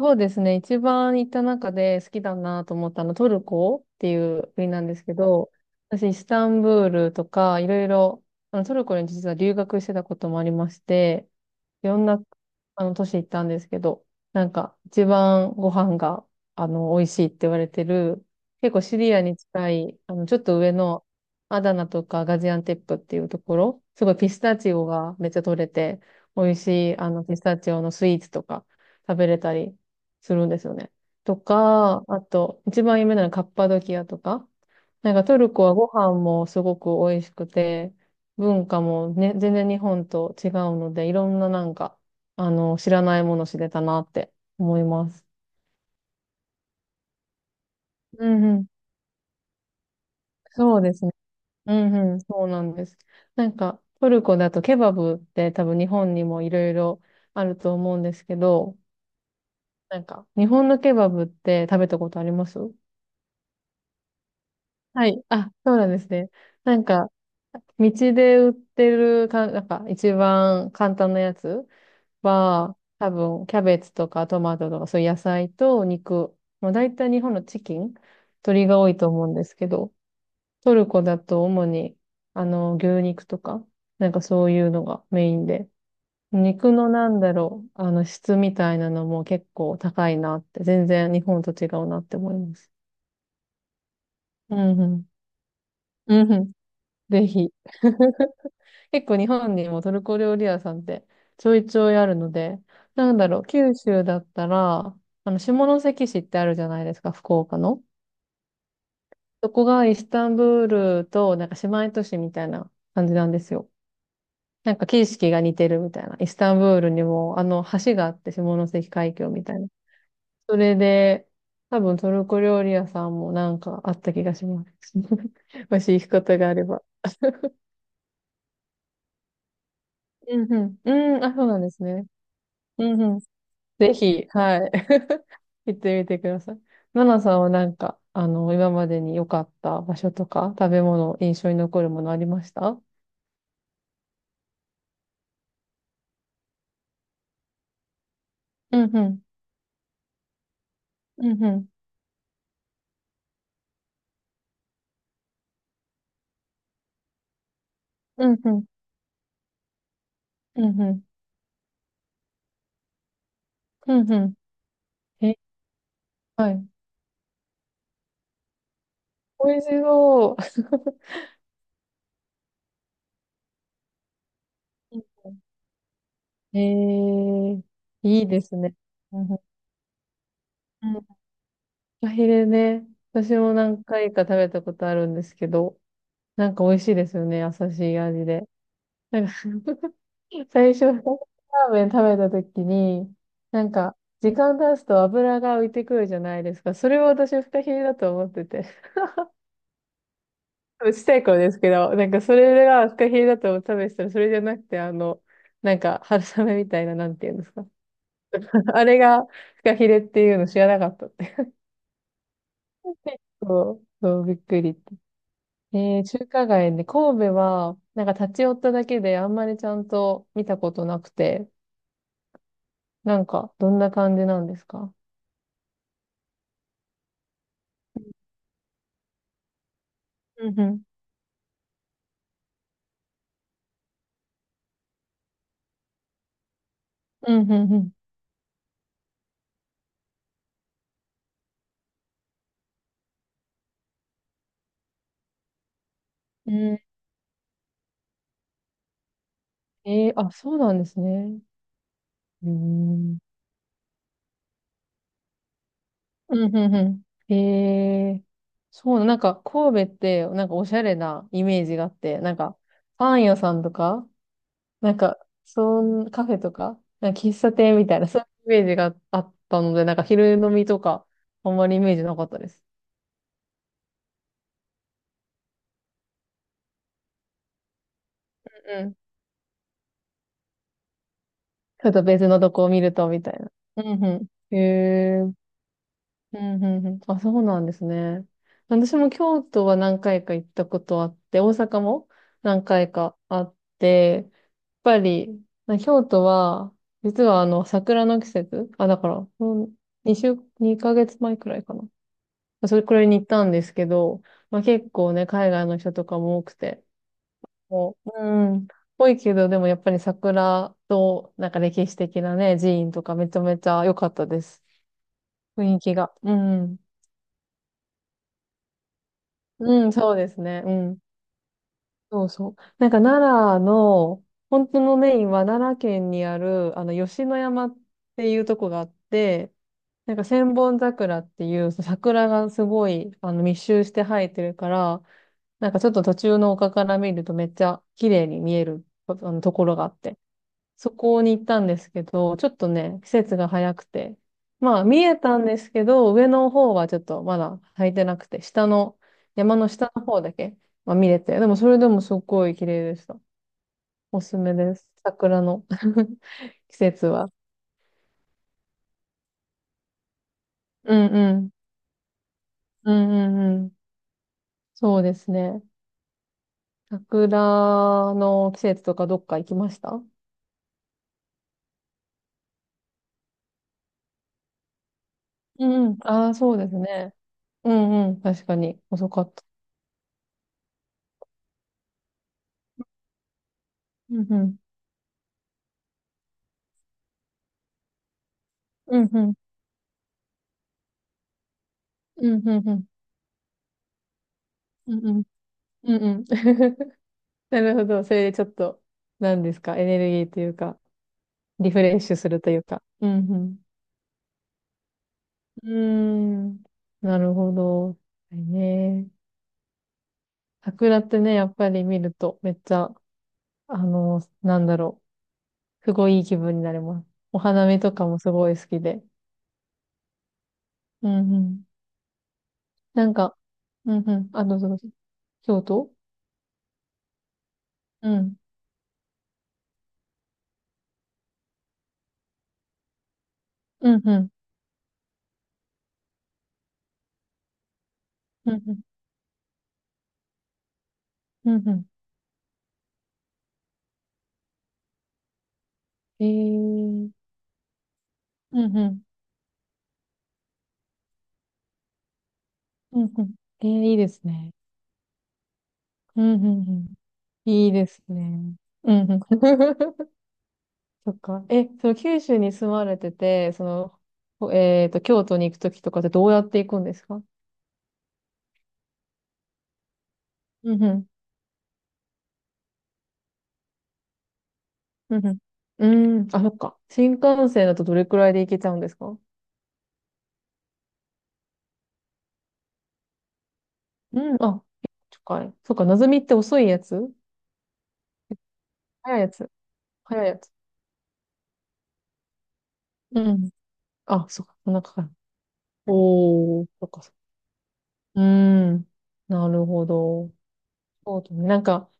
そうですね。一番行った中で好きだなと思ったのトルコっていう国なんですけど、私イスタンブールとかいろいろ、トルコに実は留学してたこともありまして、いろんな都市行ったんですけど、なんか一番ご飯が美味しいって言われてる、結構シリアに近い、ちょっと上のアダナとかガジアンテップっていうところ、すごいピスタチオがめっちゃ取れて、美味しいピスタチオのスイーツとか食べれたり、するんですよね。とか、あと、一番有名なのはカッパドキアとか。なんかトルコはご飯もすごく美味しくて、文化もね、全然日本と違うので、いろんななんか、知らないもの知れたなって思います。うんうん。そうですね。うんうん。そうなんです。なんか、トルコだとケバブって多分日本にもいろいろあると思うんですけど、なんか、日本のケバブって食べたことあります？はい。あ、そうなんですね。なんか、道で売ってるか、なんか一番簡単なやつは、多分、キャベツとかトマトとか、そういう野菜と肉。まあ、大体日本のチキン、鶏が多いと思うんですけど、トルコだと主に、牛肉とか、なんかそういうのがメインで。肉のなんだろう、質みたいなのも結構高いなって、全然日本と違うなって思います。うんうん。うんうん。ぜひ。結構日本にもトルコ料理屋さんってちょいちょいあるので、なんだろう、九州だったら、下関市ってあるじゃないですか、福岡の。そこがイスタンブールとなんか姉妹都市みたいな感じなんですよ。なんか景色が似てるみたいな。イスタンブールにも橋があって下関海峡みたいな。それで、多分トルコ料理屋さんもなんかあった気がします。もし行くことがあれば。うんうん。うん、あ、そうなんですね。うんうん。ぜひ、はい。行ってみてください。ナナさんはなんか、今までに良かった場所とか、食べ物、印象に残るものありました？うんうん。うんうん。うんうん。うんうん。うんうん。え、はい。美味しそう。えー、いいですね。うんうん。うんフカヒレね。私も何回か食べたことあるんですけど、なんか美味しいですよね。優しい味で。なんか 最初、二つラーメン食べたときに、なんか、時間経つと油が浮いてくるじゃないですか。それを私、フカヒレだと思ってて。ちっちゃい頃ですけど、なんか、それがフカヒレだと思って食べてたら、それじゃなくて、なんか、春雨みたいな、なんていうんですか。あれがフカヒレっていうの知らなかったって。そう、そう、びっくりって。えー、中華街で、神戸は、なんか立ち寄っただけであんまりちゃんと見たことなくて、なんか、どんな感じなんですか？うんうん、うん、うん。うん、えー、あ、そうなんですね。うん。うん、うん、うん。えー、そうな、なんか神戸って、なんかおしゃれなイメージがあって、なんかパン屋さんとか、なんか、そん、カフェとか、なんか喫茶店みたいな、そういうイメージがあったので、なんか昼飲みとか、あんまりイメージなかったです。うん。ちょっと別のとこを見ると、みたいな。うん、うん。へえうん、うん、うん。あ、そうなんですね。私も京都は何回か行ったことあって、大阪も何回かあって、やっぱり、ま京都は、実は桜の季節、あ、だから、2週、二ヶ月前くらいかな。それくらいに行ったんですけど、まあ結構ね、海外の人とかも多くて、もう、うん、多いけど、でもやっぱり桜と、なんか歴史的なね、寺院とかめちゃめちゃ良かったです。雰囲気が。うん。うん、そうですね。うん。そうそう。なんか奈良の、本当のメインは奈良県にある、吉野山っていうとこがあって、なんか千本桜っていう桜がすごい、密集して生えてるから、なんかちょっと途中の丘から見るとめっちゃ綺麗に見える、ところがあって。そこに行ったんですけど、ちょっとね、季節が早くて。まあ、見えたんですけど、上の方はちょっとまだ履いてなくて、下の、山の下の方だけ、まあ、見れて。でも、それでもすっごい綺麗でした。おすすめです。桜の 季節は。うんうん。うんうんうん。そうですね。桜の季節とかどっか行きました？うんうん。ああ、そうですね。うんうん。確かに。遅かった。うんうん。うんうん。うんうんうん。うんうんうんうん。なるほど。それでちょっと、何ですか、エネルギーというか、リフレッシュするというか。うんうん。うーん。なるほど。はいね。桜ってね、やっぱり見ると、めっちゃ、なんだろう。すごいいい気分になります。お花見とかもすごい好きで。うんうん。なんか、うんうん。あ、どうぞどうぞ。京都うん。うんうん。うんうん。うんうん。えー。うんうん。うんうん。えー、いいですね。うんうんうん。いいですね。うんうん。そっか。え、その九州に住まれてて、その、ほえっと、京都に行くときとかってどうやって行くんですか？うんうん。うんうん。うーん。あ、そっか。新幹線だとどれくらいで行けちゃうんですか？うん。あ、近い。そっか。なずみって遅いやつ？早いやつ。早いやつ。うん。あ、そっか。そんなかかる。おー。そっか。そっかうーん。なるほど。そうだね。なんか、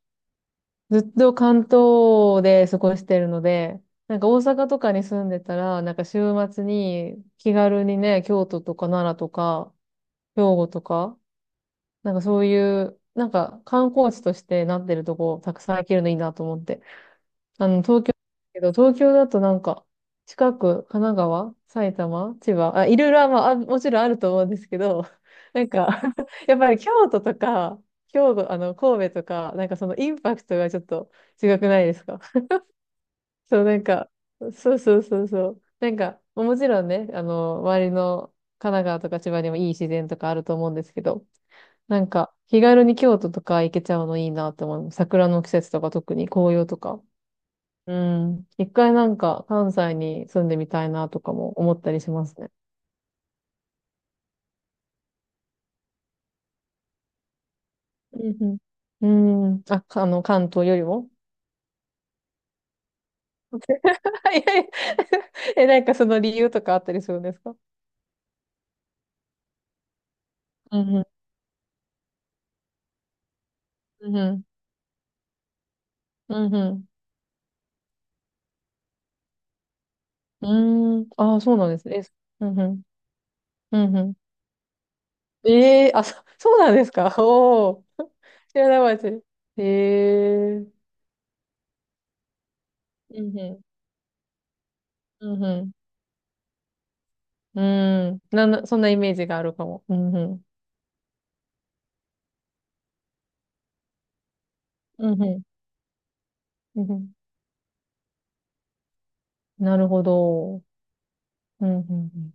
ずっと関東で過ごしてるので、なんか大阪とかに住んでたら、なんか週末に気軽にね、京都とか奈良とか、兵庫とか、なんかそういう、なんか観光地としてなってるとこたくさん行けるのいいなと思って。東京だけど、東京だとなんか、近く、神奈川、埼玉、千葉、あ、いろいろは、まあ、あもちろんあると思うんですけど、なんか やっぱり京都とか、兵庫、神戸とか、なんかそのインパクトがちょっと違くないですか？そう、なんか、そうそうそうそう。なんか、もちろんね、周りの神奈川とか千葉にもいい自然とかあると思うんですけど、なんか、気軽に京都とか行けちゃうのいいなって思う。桜の季節とか特に紅葉とか。うん。一回なんか関西に住んでみたいなとかも思ったりしますね。うんうん。うん。あ、かあの、関東よりも いやいや え、なんかその理由とかあったりするんですか？うんうん。うんうん。うんうんうーん。ああ、そうなんですね。えうんうん。うんうん。ええあ、そ、そうなんですか。おお。知らなかったです。ええうんうん。うんうん。うーん。なんな、そんなイメージがあるかも。うんうん。うんうん。うんうん。なるほど。うんうんうん。